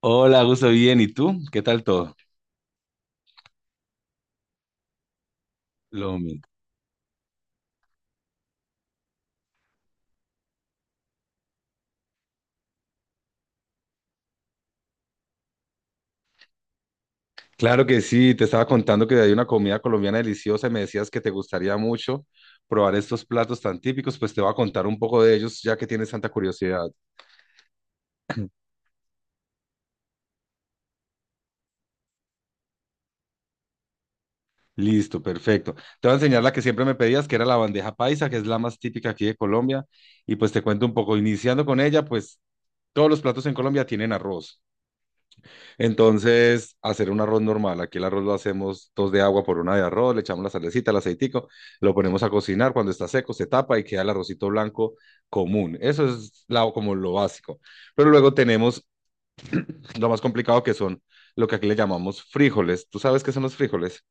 Hola, gusto bien. ¿Y tú? ¿Qué tal todo? Lo mismo. Claro que sí, te estaba contando que hay una comida colombiana deliciosa y me decías que te gustaría mucho probar estos platos tan típicos, pues te voy a contar un poco de ellos ya que tienes tanta curiosidad. Listo, perfecto. Te voy a enseñar la que siempre me pedías, que era la bandeja paisa, que es la más típica aquí de Colombia, y pues te cuento un poco, iniciando con ella, pues todos los platos en Colombia tienen arroz. Entonces, hacer un arroz normal. Aquí el arroz lo hacemos dos de agua por una de arroz, le echamos la salecita, el aceitico, lo ponemos a cocinar. Cuando está seco, se tapa y queda el arrocito blanco común. Eso es la, como lo básico. Pero luego tenemos lo más complicado que son lo que aquí le llamamos frijoles. ¿Tú sabes qué son los frijoles?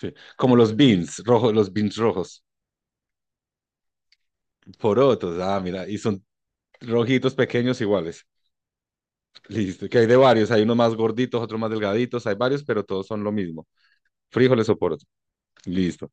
Sí. Como los beans rojos, porotos. Ah, mira, y son rojitos pequeños iguales. Listo, que hay de varios, hay unos más gorditos, otros más delgaditos, hay varios, pero todos son lo mismo. Frijoles o porotos. Listo.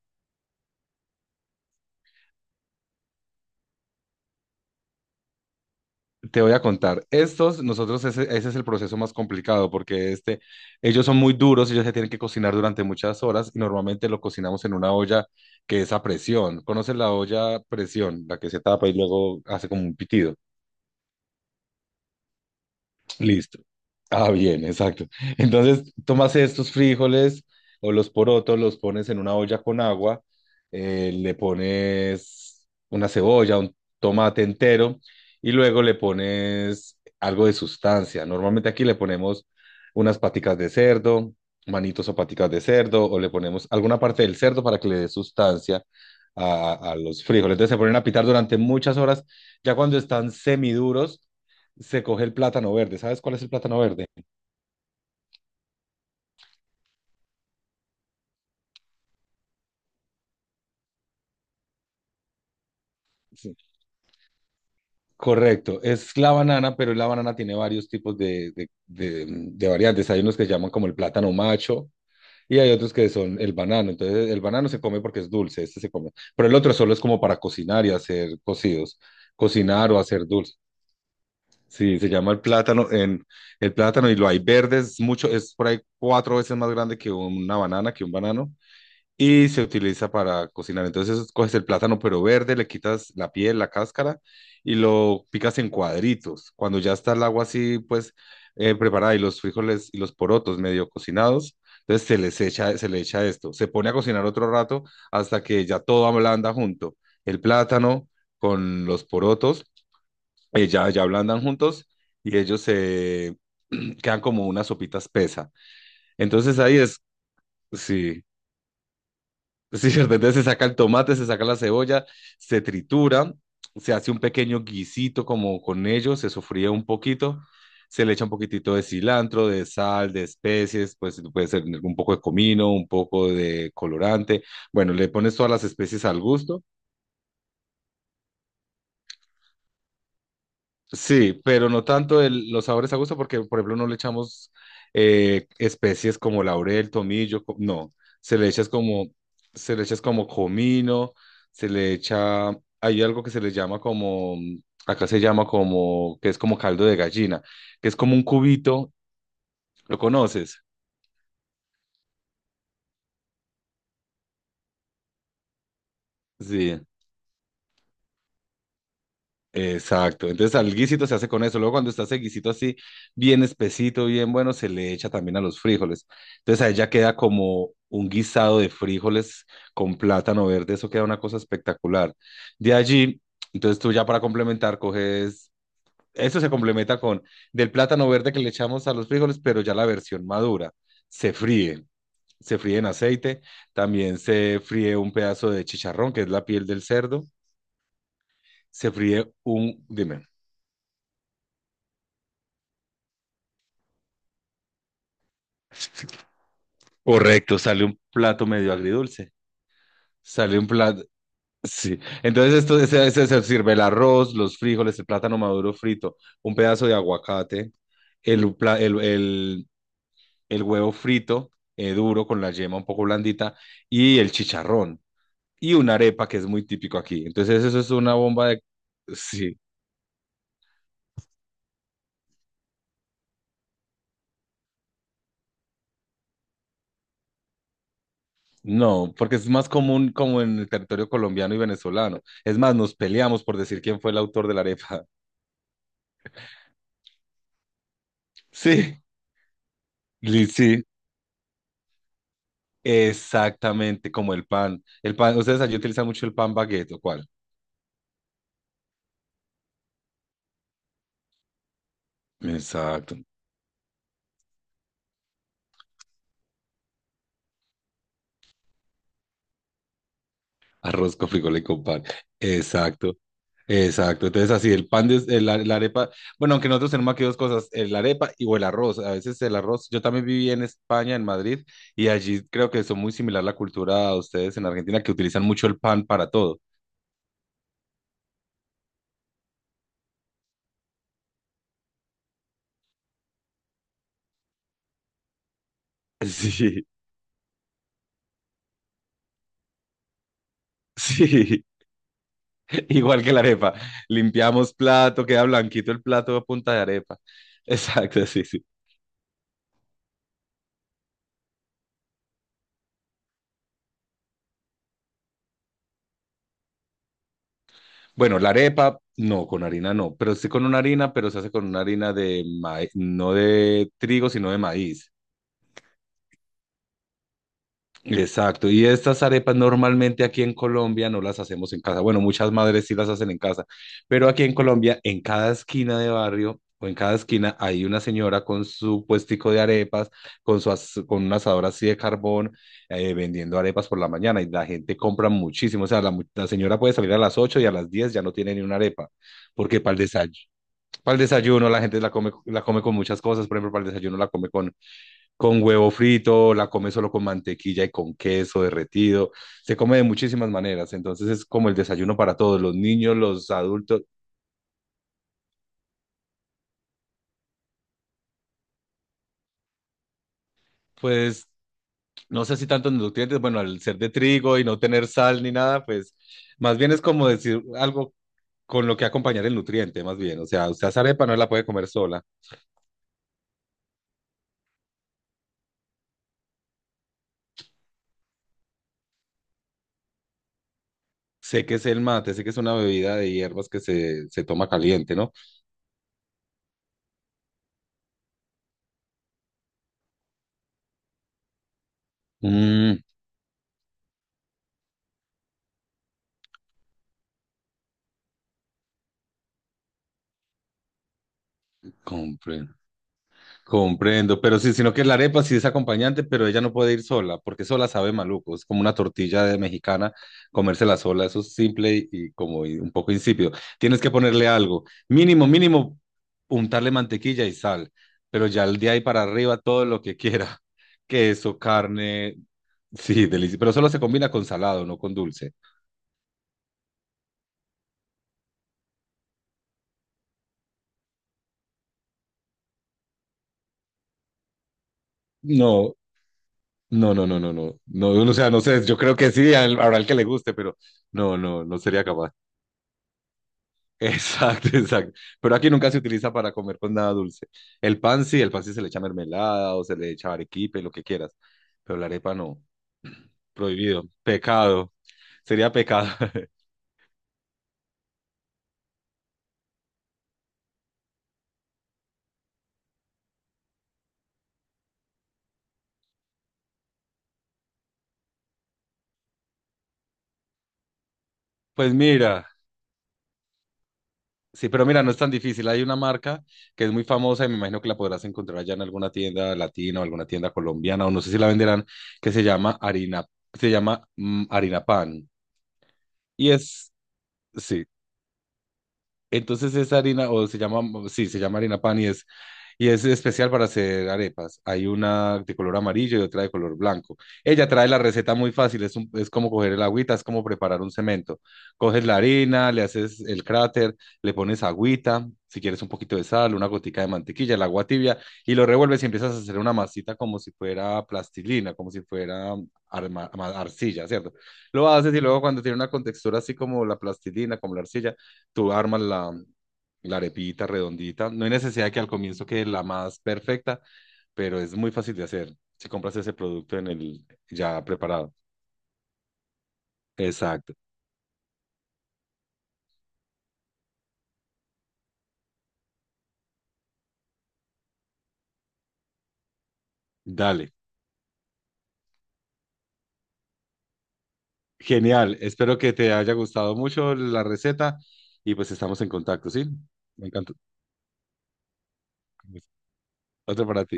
Te voy a contar. Estos, nosotros, ese es el proceso más complicado porque este, ellos son muy duros, ellos se tienen que cocinar durante muchas horas y normalmente lo cocinamos en una olla que es a presión. ¿Conoces la olla a presión? La que se tapa y luego hace como un pitido. Listo. Ah, bien, exacto. Entonces, tomas estos frijoles o los porotos, los pones en una olla con agua, le pones una cebolla, un tomate entero y luego le pones algo de sustancia. Normalmente aquí le ponemos unas paticas de cerdo, manitos o paticas de cerdo, o le ponemos alguna parte del cerdo para que le dé sustancia a los frijoles. Entonces se ponen a pitar durante muchas horas. Ya cuando están semiduros, se coge el plátano verde. ¿Sabes cuál es el plátano verde? Sí. Correcto, es la banana, pero la banana tiene varios tipos de variantes. Hay unos que llaman como el plátano macho y hay otros que son el banano. Entonces, el banano se come porque es dulce, este se come. Pero el otro solo es como para cocinar y hacer cocidos, cocinar o hacer dulce. Sí, se llama el plátano y lo hay verde, es mucho, es por ahí cuatro veces más grande que una banana, que un banano. Y se utiliza para cocinar. Entonces coges el plátano pero verde, le quitas la piel, la cáscara y lo picas en cuadritos. Cuando ya está el agua así, pues preparada y los frijoles y los porotos medio cocinados, entonces se le echa esto. Se pone a cocinar otro rato hasta que ya todo ablanda junto. El plátano con los porotos, ya ablandan juntos y ellos se quedan como una sopita espesa. Entonces ahí es, sí, sí, ¿cierto? Entonces se saca el tomate, se saca la cebolla, se tritura, se hace un pequeño guisito como con ello, se sofría un poquito, se le echa un poquitito de cilantro, de sal, de especies, pues puede ser un poco de comino, un poco de colorante. Bueno, le pones todas las especies al gusto. Sí, pero no tanto los sabores a gusto, porque por ejemplo no le echamos especies como laurel, tomillo, no, se le echa es como, se le echa es como comino, se le echa, hay algo que se le llama como, acá se llama como, que es como caldo de gallina, que es como un cubito, ¿lo conoces? Sí. Exacto. Entonces al guisito se hace con eso. Luego cuando está ese guisito así, bien espesito, bien bueno, se le echa también a los frijoles. Entonces ahí ya queda como un guisado de frijoles con plátano verde. Eso queda una cosa espectacular. De allí, entonces tú ya para complementar coges, eso se complementa con del plátano verde que le echamos a los frijoles, pero ya la versión madura. Se fríe. Se fríe en aceite. También se fríe un pedazo de chicharrón, que es la piel del cerdo. Se fríe un, dime. Correcto, sale un plato medio agridulce. Sale un plato. Sí. Entonces, se sirve el arroz, los frijoles, el plátano maduro frito, un pedazo de aguacate, el, pla- el huevo frito, duro, con la yema un poco blandita, y el chicharrón. Y una arepa que es muy típico aquí. Entonces, eso es una bomba de. Sí. No, porque es más común como en el territorio colombiano y venezolano. Es más, nos peleamos por decir quién fue el autor de la arepa. Sí, sí. Exactamente, como el pan. El pan, ustedes allí utilizan mucho el pan baguette, ¿o cuál? Exacto. Arroz con frijoles con pan. Exacto. Exacto. Entonces, así, el pan, de, el, la arepa. Bueno, aunque nosotros tenemos aquí dos cosas, el arepa y o el arroz. A veces el arroz. Yo también viví en España, en Madrid, y allí creo que son muy similar la cultura a ustedes en Argentina, que utilizan mucho el pan para todo. Sí, sí. Igual que la arepa. Limpiamos plato, queda blanquito el plato a punta de arepa. Exacto, sí, sí. Bueno, la arepa, no, con harina no, pero sí con una harina, pero se hace con una harina de maíz, no de trigo, sino de maíz. Exacto, y estas arepas normalmente aquí en Colombia no las hacemos en casa. Bueno, muchas madres sí las hacen en casa, pero aquí en Colombia, en cada esquina de barrio o en cada esquina hay una señora con su puestico de arepas, con un asador así de carbón, vendiendo arepas por la mañana y la gente compra muchísimo. O sea, la señora puede salir a las 8 y a las 10 ya no tiene ni una arepa, porque para el desayuno. Para el desayuno la gente la come, la come con muchas cosas, por ejemplo, para el desayuno la come con huevo frito, la come solo con mantequilla y con queso derretido, se come de muchísimas maneras, entonces es como el desayuno para todos, los niños, los adultos, pues no sé si tantos nutrientes, bueno, al ser de trigo y no tener sal ni nada, pues más bien es como decir algo con lo que acompañar el nutriente, más bien, o sea, usted esa arepa no la puede comer sola. Sé que es el mate, sé que es una bebida de hierbas que se toma caliente, ¿no? Mmm, comprendo. Comprendo, pero sí, sino que la arepa sí es acompañante, pero ella no puede ir sola, porque sola sabe maluco, es como una tortilla de mexicana, comérsela sola, eso es simple y como un poco insípido. Tienes que ponerle algo, mínimo, mínimo, untarle mantequilla y sal, pero ya el día ahí para arriba todo lo que quiera, queso, carne, sí, delicioso, pero solo se combina con salado, no con dulce. No, no, no, no, no, no, no, o sea, no sé, yo creo que sí, habrá el que le guste, pero no, no, no sería capaz. Exacto, exacto. Pero aquí nunca se utiliza para comer con nada dulce. El pan sí se le echa mermelada o se le echa arequipe, lo que quieras. Pero la arepa no. Prohibido. Pecado. Sería pecado. Pues mira, sí, pero mira, no es tan difícil. Hay una marca que es muy famosa y me imagino que la podrás encontrar allá en alguna tienda latina o alguna tienda colombiana o no sé si la venderán, que se llama harina, se llama harina pan. Y es, sí, entonces esa harina, o se llama, mm, sí, se llama harina pan y es especial para hacer arepas. Hay una de color amarillo y otra de color blanco. Ella trae la receta muy fácil, es, es como coger el agüita, es como preparar un cemento. Coges la harina, le haces el cráter, le pones agüita, si quieres un poquito de sal, una gotica de mantequilla, el agua tibia, y lo revuelves y empiezas a hacer una masita como si fuera plastilina, como si fuera arcilla, ¿cierto? Lo haces y luego cuando tiene una contextura así como la plastilina, como la arcilla, tú armas la, la arepita redondita. No hay necesidad de que al comienzo quede la más perfecta, pero es muy fácil de hacer si compras ese producto en el ya preparado. Exacto. Dale. Genial. Espero que te haya gustado mucho la receta y pues estamos en contacto, ¿sí? Me encanta. Otro para ti.